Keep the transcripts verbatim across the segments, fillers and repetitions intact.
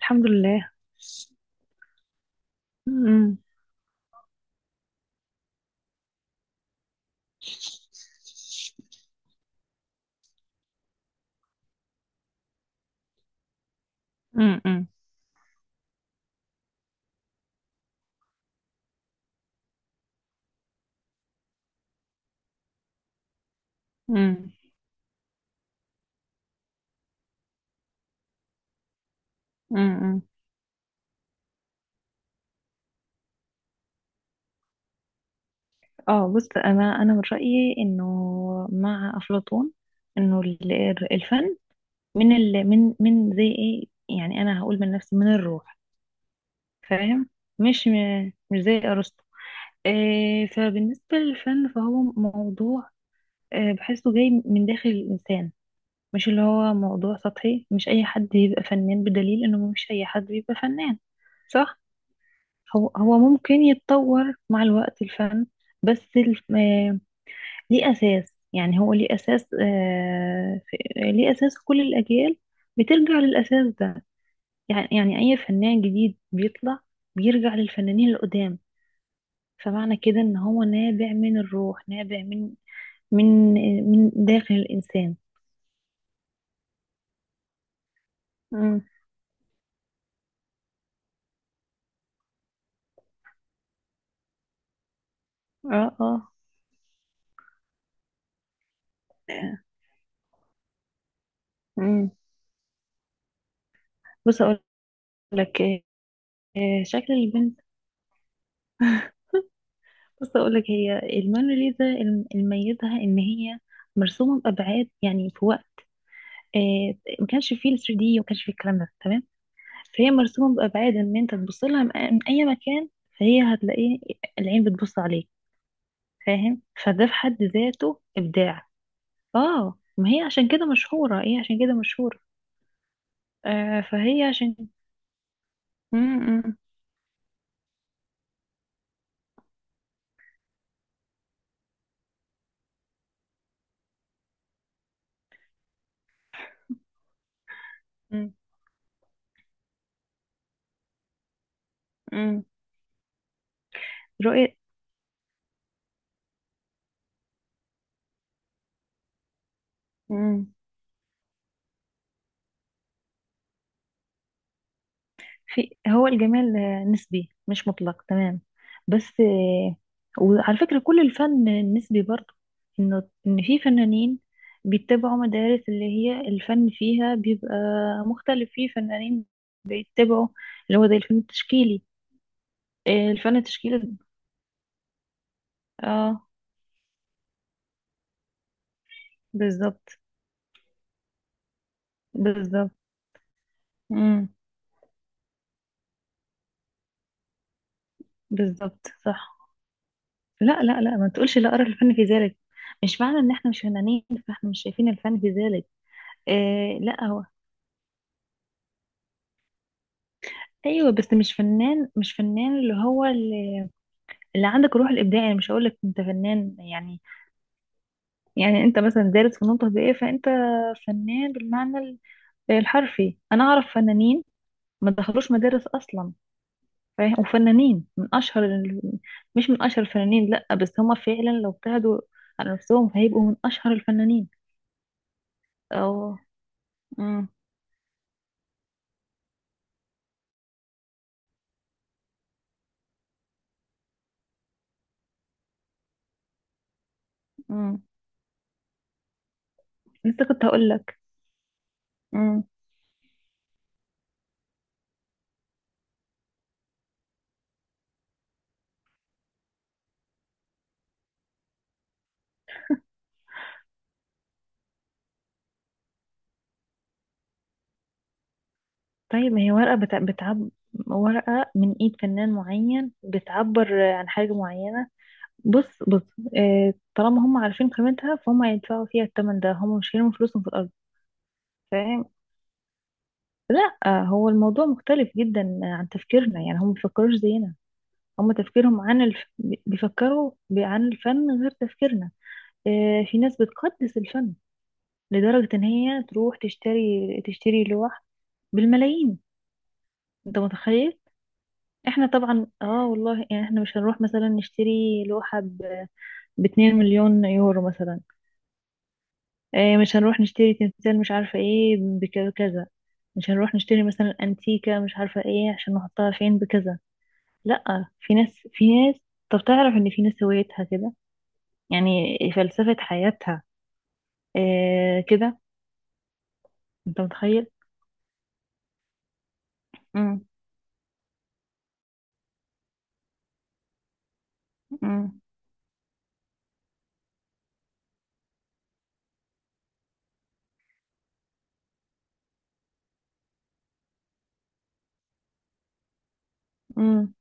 الحمد لله. امم. امم. امم. امم. اه، بص، انا انا من رايي انه مع افلاطون، انه ال- الفن من ال من من زي ايه، يعني انا هقول من نفسي من الروح، فاهم؟ مش م- مش زي ارسطو. إيه؟ فبالنسبه للفن فهو موضوع، آه، بحسه جاي من داخل الانسان، مش اللي هو موضوع سطحي، مش اي حد يبقى فنان، بدليل انه مش اي حد بيبقى فنان. صح. هو هو ممكن يتطور مع الوقت الفن، بس الف... آه، ليه أساس، يعني هو ليه أساس، آه، في... ليه أساس كل الأجيال بترجع للأساس ده. يعني يعني أي فنان جديد بيطلع بيرجع للفنانين القدام، فمعنى كده إن هو نابع من الروح، نابع من من من داخل الإنسان. مم. اه اه. مم. بص أقول لك، آه، شكل البنت. بص أقولك هي الموناليزا، الم- الميزها إن هي مرسومة بأبعاد، يعني في وقت آه، ما كانش فيه ال ثري دي وما كانش فيه الكلام ده، تمام؟ فهي مرسومة بأبعاد إن أنت تبص لها من أي من أي مكان فهي هتلاقيه، العين بتبص عليك، فاهم؟ فده في حد ذاته إبداع. آه، ما هي عشان كده مشهورة، إيه عشان كده مشهورة. آه فهي عشان م- م- م- م. رؤية. في، هو الجمال آه، نسبي مش مطلق، تمام؟ بس آه، وعلى فكرة كل الفن نسبي برضه، انه ان في فنانين بيتبعوا مدارس، اللي هي الفن فيها بيبقى مختلف، في فنانين بيتبعوا اللي هو زي الفن التشكيلي، آه، الفن التشكيلي. اه، بالظبط. بالظبط. امم. بالظبط، صح. لا لا لا، ما تقولش لا ارى الفن في ذلك، مش معنى ان احنا مش فنانين فاحنا مش شايفين الفن في ذلك. آه، لا هو ايوه، بس مش فنان، مش فنان، اللي هو اللي، اللي عندك الروح الابداعيه، يعني مش هقول لك انت فنان يعني، يعني انت مثلا دارس فنون تطبيقيه فانت فنان بالمعنى ال- الحرفي. انا اعرف فنانين ما دخلوش مدارس اصلا، فاهم؟ وفنانين من اشهر ال- مش من اشهر الفنانين، لا بس هما فعلا لو ابتعدوا على نفسهم هيبقوا من اشهر الفنانين. او. امم. امم. لسه كنت هقول لك. طيب، ما هي ورقة بتع... بتعب، ورقة من ايد فنان معين بتعبر عن حاجة معينة. بص، بص، آه، طالما هم عارفين قيمتها فهم هيدفعوا فيها الثمن ده، هم مش هيرموا فلوسهم في الأرض، فاهم؟ لا آه، هو الموضوع مختلف جدا عن تفكيرنا، يعني هم مبيفكروش زينا. هم تفكيرهم عن الف... بيفكروا ب- عن الفن غير تفكيرنا. آه، في ناس بتقدس الفن لدرجة ان هي تروح تشتري تشتري لوح بالملايين. انت متخيل؟ احنا طبعا اه والله، يعني احنا مش هنروح مثلا نشتري لوحة ب ب اتنين مليون يورو مثلا. اه، مش هنروح نشتري تمثال مش عارفة ايه بكذا، مش هنروح نشتري مثلا انتيكة مش عارفة ايه عشان نحطها فين بكذا. لا، في ناس، في ناس. طب تعرف ان في ناس هوايتها كده، يعني فلسفة حياتها، اه كده. انت متخيل؟ امم. امم. امم.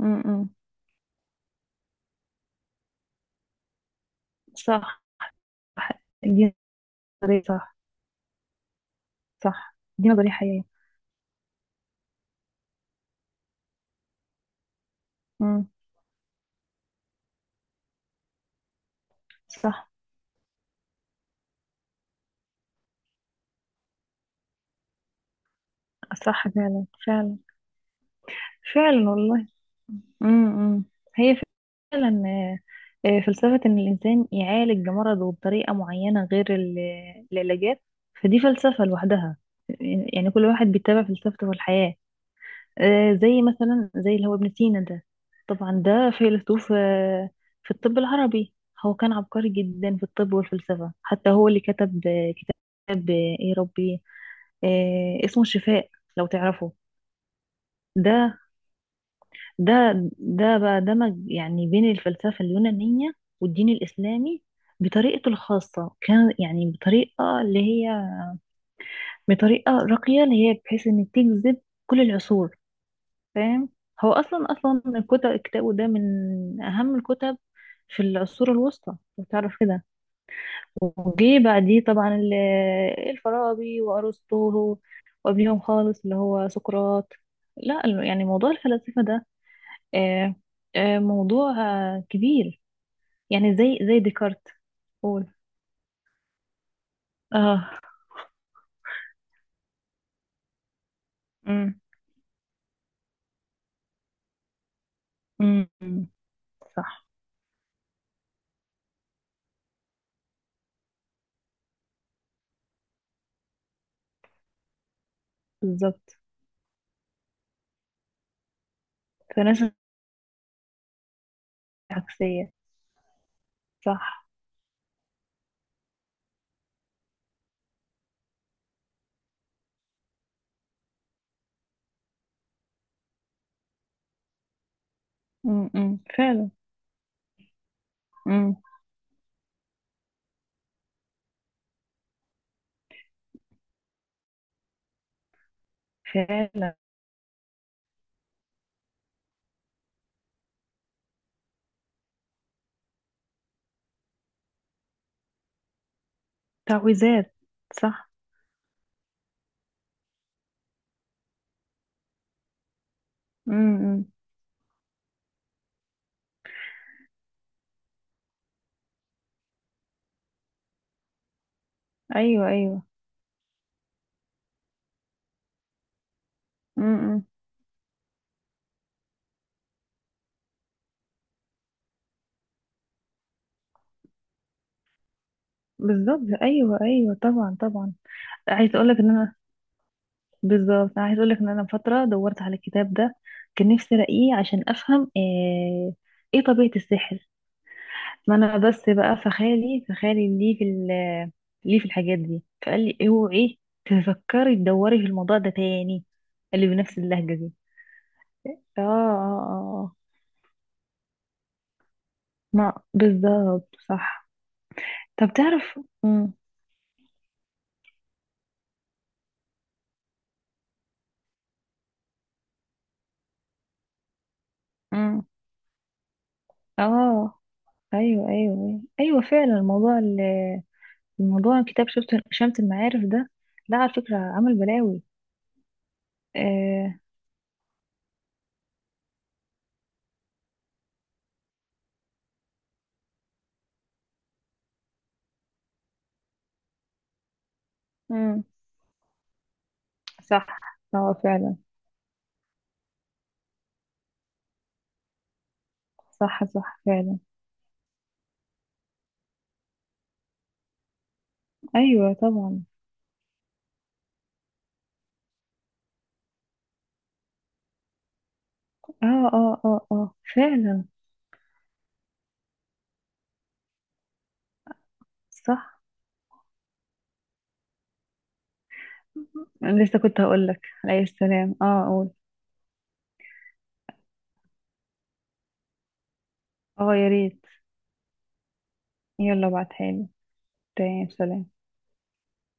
امم. صح. دي نظرية. صح. صح. دي نظرية حقيقية. امم. صح. صح فعلا. فعلا. فعلا والله. امم. هي فعلا آه، آه، فلسفة إن الإنسان يعالج مرضه بطريقة معينة غير ال- العلاجات، فدي فلسفة لوحدها. يعني كل واحد بيتبع فلسفته في الحياة، آه، زي مثلا زي اللي هو ابن سينا ده. طبعا ده فيلسوف آه، في الطب العربي. هو كان عبقري جدا في الطب والفلسفة، حتى هو اللي كتب آه، كتاب آه، ايه ربي، آه، اسمه الشفاء، لو تعرفه. ده ده ده بقى دمج يعني بين الفلسفة اليونانية والدين الإسلامي بطريقته الخاصة، كان يعني بطريقة اللي هي بطريقة راقية اللي هي بحيث إن تجذب كل العصور، فاهم؟ هو أصلا أصلا الكتب، كتابه ده من أهم الكتب في العصور الوسطى، بتعرف كده؟ وجه بعديه طبعا ال- الفارابي وأرسطو، وقبليهم خالص اللي هو سقراط. لا يعني موضوع الفلسفة ده آه آه موضوع آه كبير، يعني زي زي ديكارت. قول. اه. امم. امم. صح. بالظبط. فناس عكسية. صح. امم. فعلا. امم. فعلا. تعويذات. صح. امم. ايوه ايوه. امم. بالظبط، ايوه ايوه، طبعا طبعا. عايز اقول لك ان انا، بالظبط، انا عايز اقول لك ان انا فترة دورت على الكتاب ده، كان نفسي الاقيه عشان افهم آه، ايه طبيعة السحر. ما انا بس بقى فخالي فخالي ليه في ال- ليه في الحاجات دي، فقال لي اوعي تفكري تدوري في الموضوع ده تاني، اللي بنفس اللهجة دي. اه اه اه. آه. ما بالظبط، صح. طب تعرف. امم. امم. اه، ايوه ايوه ايوه فعلا. الموضوع ال- الموضوع كتاب شفت شمت المعارف ده لا على فكرة عمل بلاوي. آه. امم. صح. اه فعلا. صح صح فعلا. ايوه طبعا. اه اه اه اه فعلا. صح. أنا لسه كنت هقولك عليه السلام، اه قول. اه، يا ريت. يلا ابعتها لي. تاني، سلام.